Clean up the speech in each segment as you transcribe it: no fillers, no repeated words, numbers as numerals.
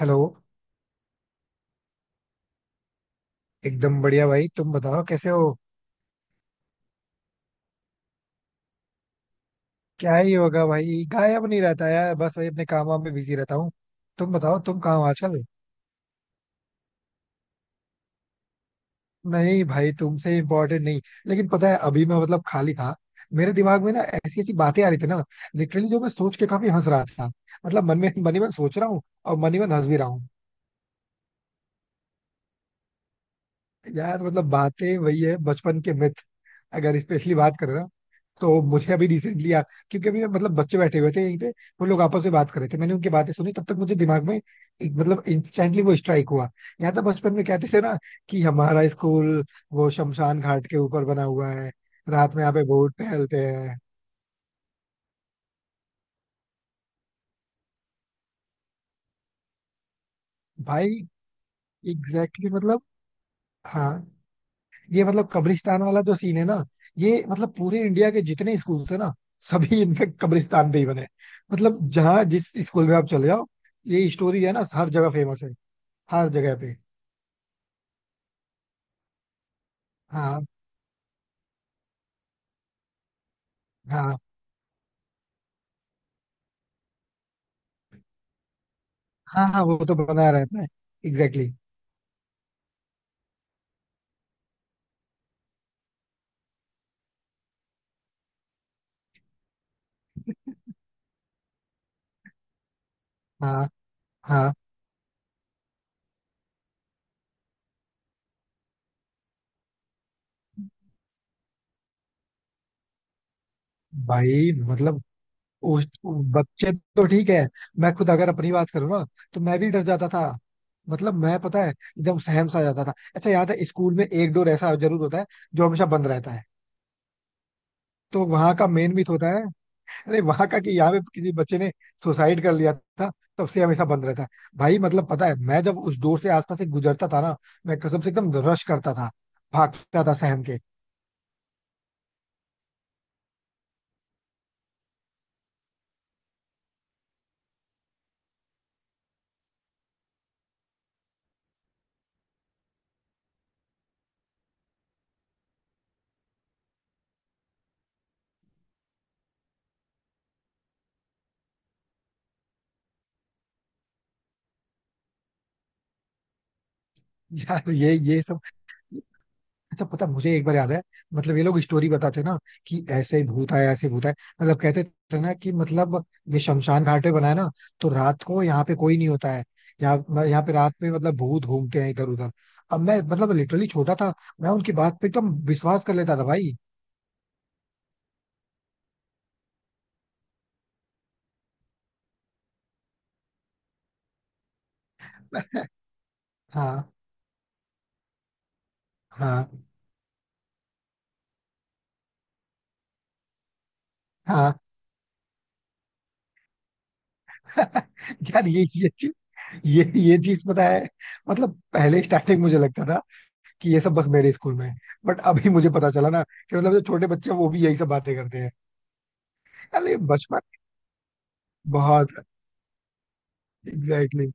Hello. एकदम बढ़िया भाई, तुम बताओ कैसे हो। क्या ही होगा भाई, गायब नहीं रहता यार, बस वही अपने काम वाम में बिजी रहता हूँ। तुम बताओ तुम कहाँ हो आजकल। नहीं भाई तुमसे इम्पोर्टेंट नहीं। लेकिन पता है अभी मैं मतलब खाली था। मेरे दिमाग में ना ऐसी ऐसी बातें आ रही थी ना। लिटरली जो मैं सोच के काफी हंस रहा था। मतलब मन में मन ही मन सोच रहा हूँ और मन ही मन हंस भी रहा हूँ। यार मतलब बातें वही है बचपन के मिथ। अगर स्पेशली बात करें ना तो मुझे अभी रिसेंटली याद। क्योंकि अभी मतलब बच्चे बैठे हुए थे यहीं पे। वो लोग आपस में बात कर रहे थे, मैंने उनकी बातें सुनी, तब तक मुझे दिमाग में एक, मतलब इंस्टेंटली वो स्ट्राइक हुआ। याद था बचपन में कहते थे ना कि हमारा स्कूल वो शमशान घाट के ऊपर बना हुआ है। रात में यहाँ पे भूत टहलते हैं। भाई एग्जैक्टली मतलब। हाँ। ये मतलब कब्रिस्तान वाला जो सीन है ना, ये मतलब पूरे इंडिया के जितने स्कूल थे ना सभी इनफेक्ट कब्रिस्तान पे ही बने हैं। मतलब जहाँ जिस स्कूल में आप चले जाओ, ये स्टोरी है ना हर जगह फेमस है, हर जगह पे। हाँ हाँ। हाँ हाँ, वो तो बना रहता है। एग्जैक्टली हाँ। हाँ। भाई मतलब उस बच्चे तो ठीक है, मैं खुद अगर अपनी बात करूँ ना तो मैं भी डर जाता था। मतलब मैं पता है एकदम सहम सा जाता था। अच्छा याद है स्कूल में एक डोर ऐसा जरूर होता है जो हमेशा बंद रहता है। तो वहां का मेन मिथ होता है, अरे वहां का कि यहाँ पे किसी बच्चे ने सुसाइड कर लिया था, तब से हमेशा बंद रहता है। भाई मतलब पता है मैं जब उस डोर से आसपास से गुजरता था ना, मैं कसम से एकदम रश करता था, भागता था सहम के। यार ये सब। अच्छा पता, मुझे एक बार याद है। मतलब ये लोग स्टोरी बताते ना कि ऐसे ही भूत आया, ऐसे भूत आया। मतलब कहते थे ना कि मतलब ये शमशान घाट पे बनाया ना, तो रात को यहाँ पे कोई नहीं होता है, यहाँ यहाँ पे रात में मतलब भूत घूमते हैं इधर उधर। अब मैं मतलब लिटरली छोटा था, मैं उनकी बात पे एकदम विश्वास कर लेता था भाई। हाँ। हाँ। हाँ। यार ये चीज, ये चीज पता है, मतलब पहले स्टार्टिंग मुझे लगता था कि ये सब बस मेरे स्कूल में है। बट अभी मुझे पता चला ना कि मतलब जो छोटे बच्चे हैं वो भी यही सब बातें करते हैं। अरे बचपन बहुत एग्जैक्टली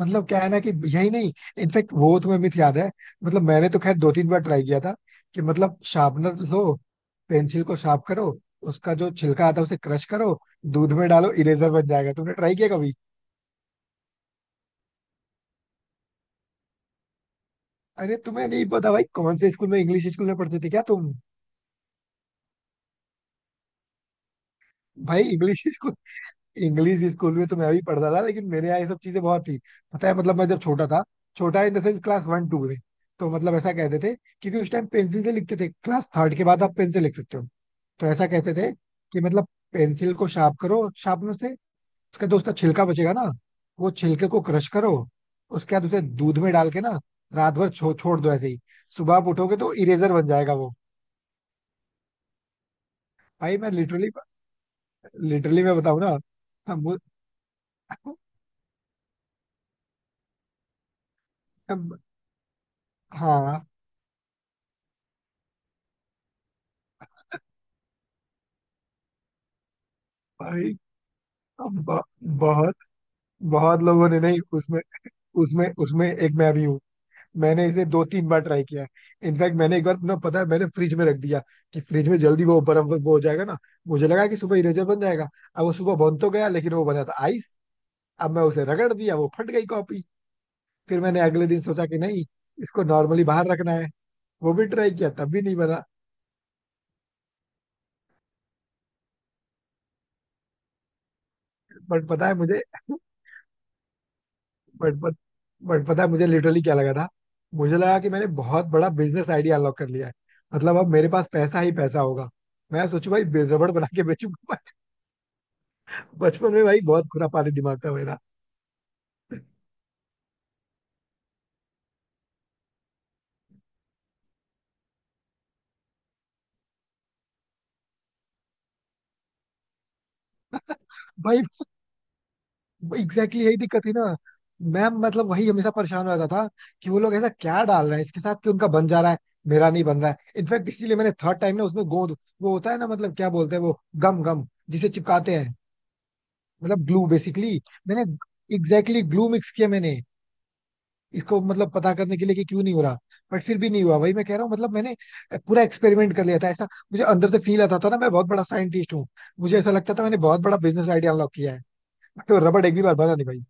मतलब क्या है ना कि यही नहीं, इनफेक्ट वो तुम्हें मिथ याद है। मतलब मैंने तो खैर दो तीन बार ट्राई किया था कि मतलब शार्पनर लो, पेंसिल को शार्प करो, उसका जो छिलका आता है उसे क्रश करो, दूध में डालो, इरेजर बन जाएगा। तुमने ट्राई किया कभी? अरे तुम्हें नहीं पता भाई? कौन से स्कूल में, इंग्लिश स्कूल में पढ़ते थे क्या तुम? भाई इंग्लिश स्कूल, इंग्लिश स्कूल में तो मैं भी पढ़ता था, लेकिन मेरे यहाँ ये सब चीजें बहुत थी। पता है मतलब मैं जब छोटा था, छोटा in the sense class one two में। तो मतलब ऐसा कहते थे क्योंकि उस टाइम पेंसिल से लिखते थे, क्लास थर्ड के बाद आप पेन से लिख सकते हो। तो ऐसा कहते थे कि मतलब पेंसिल को शार्प करो शार्पनर से, उसका जो उसका छिलका बचेगा ना, वो छिलके को क्रश करो, उसके बाद उसे दूध में डाल के ना रात भर छोड़ दो ऐसे ही, सुबह आप उठोगे तो इरेजर बन जाएगा वो। भाई मैं लिटरली, लिटरली मैं बताऊं ना, हम- हम- हाँ भाई ब- बहुत, बहुत लोगों ने नहीं उसमें, उसमें एक मैं भी हूँ। मैंने इसे दो तीन बार ट्राई किया है। इनफैक्ट मैंने एक बार ना पता है मैंने फ्रिज में रख दिया, कि फ्रिज में जल्दी वो बर्फ वो हो जाएगा ना, मुझे लगा कि सुबह इरेजर बन जाएगा। अब वो सुबह बन तो गया लेकिन वो बना था आइस। अब मैं उसे रगड़ दिया, वो फट गई कॉपी। फिर मैंने अगले दिन सोचा कि नहीं, इसको नॉर्मली बाहर रखना है। वो भी ट्राई किया, तब भी नहीं बना। बट पता है मुझे, बट बट पता है मुझे लिटरली क्या लगा था? मुझे लगा कि मैंने बहुत बड़ा बिजनेस आइडिया अनलॉक कर लिया है। मतलब अब मेरे पास पैसा ही पैसा होगा। मैं सोचू भाई रबड़ बना के बेचूंगा। बचपन में भाई बहुत खुरापाती दिमाग था मेरा। भाई एग्जैक्टली, यही दिक्कत थी ना। मैं मतलब वही हमेशा परेशान हो जाता था कि वो लोग ऐसा क्या डाल रहे हैं इसके साथ कि उनका बन जा रहा है, मेरा नहीं बन रहा है। इनफैक्ट इसीलिए मैंने थर्ड टाइम ना उसमें गोंद, वो होता है ना मतलब क्या बोलते हैं वो, गम गम जिसे चिपकाते हैं, मतलब ग्लू बेसिकली। मैंने एग्जैक्टली ग्लू मिक्स किया मैंने, इसको मतलब पता करने के लिए कि क्यों नहीं हो रहा। बट फिर भी नहीं हुआ, वही मैं कह रहा हूँ। मतलब मैंने पूरा एक्सपेरिमेंट कर लिया था। ऐसा मुझे अंदर से फील आता था ना, मैं बहुत बड़ा साइंटिस्ट हूँ। मुझे ऐसा लगता था मैंने बहुत बड़ा बिजनेस आइडिया अनलॉक किया है, बट तो रबड़ एक भी बार बना नहीं भाई।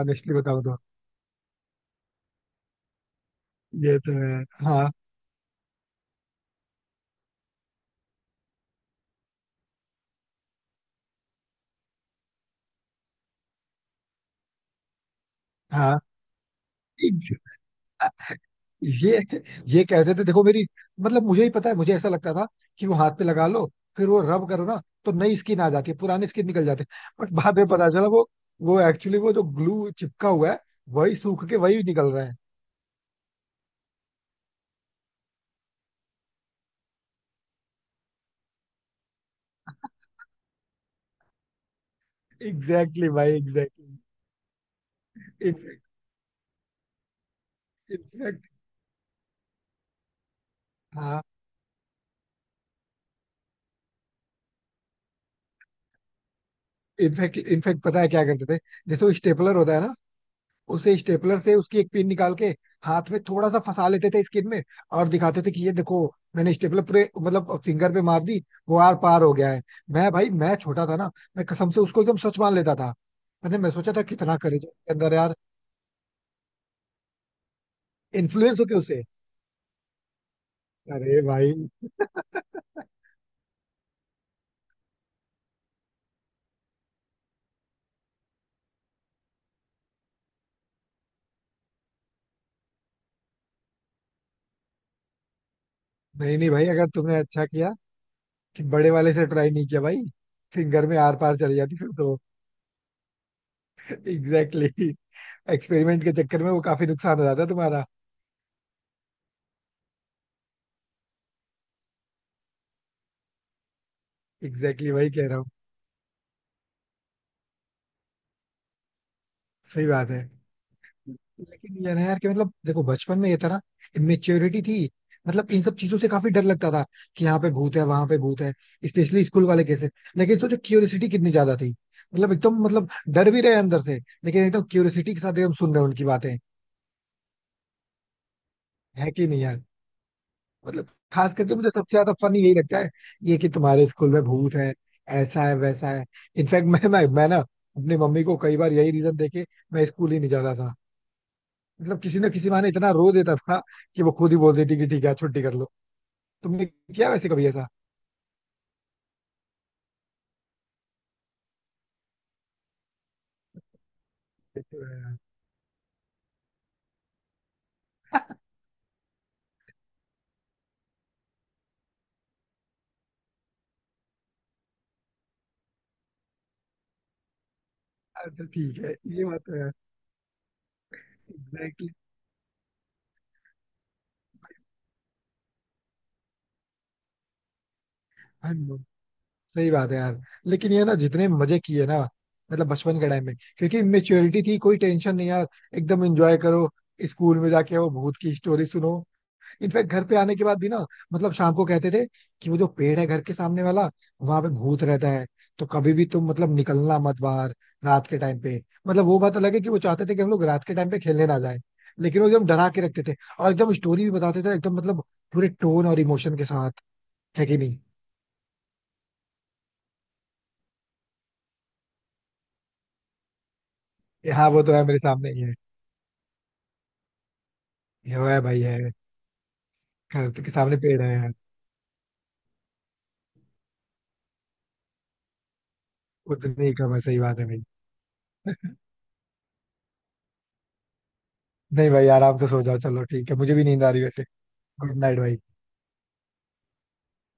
ऑनेस्टली बताऊँ तो ये तो है, हाँ। हाँ। ये ये कहते थे देखो मेरी, मतलब मुझे ही पता है। मुझे ऐसा लगता था कि वो हाथ पे लगा लो, फिर वो रब करो ना तो नई स्किन आ जाती है, पुराने स्किन निकल जाते हैं। बट बाद में पता चला वो एक्चुअली वो जो ग्लू चिपका हुआ है वही सूख के वही निकल रहा है। एग्जैक्टली भाई एग्जैक्टली। इनफैक्ट। हाँ। इनफैक्ट इनफैक्ट पता है क्या करते थे? जैसे वो स्टेपलर होता है ना, उसे स्टेपलर से उसकी एक पिन निकाल के हाथ में थोड़ा सा फंसा लेते थे स्किन में, और दिखाते थे कि ये देखो, मैंने स्टेपलर पूरे मतलब फिंगर पे मार दी, वो आर पार हो गया है। मैं भाई, मैं छोटा था ना, मैं कसम से उसको एकदम सच मान लेता था। मैंने मैं सोचा था कितना करे जो उसके अंदर यार, इन्फ्लुएंस हो के उसे। अरे भाई, नहीं नहीं भाई अगर तुमने अच्छा किया कि बड़े वाले से ट्राई नहीं किया भाई, फिंगर में आर पार चली जाती फिर तो। एग्जैक्टली एक्सपेरिमेंट के चक्कर में वो काफी नुकसान हो जाता है तुम्हारा। एग्जैक्टली वही कह रहा हूँ। सही बात है। लेकिन यार, यार कि मतलब देखो बचपन में ये था ना, इमेच्योरिटी थी। मतलब इन सब चीजों से काफी डर लगता था कि यहाँ पे भूत है, वहां पे भूत है, स्पेशली स्कूल वाले केस है। लेकिन सोचो क्यूरियोसिटी कितनी ज्यादा थी। मतलब एकदम मतलब डर भी रहे अंदर से, लेकिन एकदम क्यूरियोसिटी के साथ एकदम सुन रहे हैं उनकी बातें। है कि नहीं यार? मतलब खास करके मुझे सबसे ज्यादा फनी यही लगता है ये कि तुम्हारे स्कूल में भूत है, ऐसा है वैसा है। इनफैक्ट मैं ना अपनी मम्मी को कई बार यही रीजन देके मैं स्कूल ही नहीं जाता था। मतलब किसी ना किसी बहाने इतना रो देता था कि वो खुद ही बोल देती कि ठीक है छुट्टी कर लो। तुमने किया वैसे कभी ऐसा? ये तो है यार। अच्छा ठीक है, ये बात तो है। एग्जैक्टली। सही बात है यार। लेकिन ये ना जितने मजे किए ना, मतलब बचपन के टाइम में क्योंकि मेच्योरिटी थी कोई टेंशन नहीं यार। एकदम एंजॉय करो, स्कूल में जाके वो भूत की स्टोरी सुनो। इनफैक्ट घर पे आने के बाद भी ना मतलब शाम को कहते थे कि वो जो पेड़ है घर के सामने वाला, वहां पे भूत रहता है, तो कभी भी तुम मतलब निकलना मत बाहर रात के टाइम पे। मतलब वो बात अलग है कि वो चाहते थे कि हम लोग रात के टाइम पे खेलने ना जाए, लेकिन वो एकदम डरा के रखते थे और एकदम स्टोरी भी बताते थे, एकदम मतलब पूरे टोन और इमोशन के साथ। है कि नहीं? ये हाँ, वो तो है, मेरे सामने ही है। ये वो है भाई, है। घर के सामने पेड़ है यार। उतनी ही कम है, सही बात है भाई। नहीं भाई आराम से सो जाओ, चलो ठीक है, मुझे भी नींद आ रही है वैसे। गुड नाइट भाई।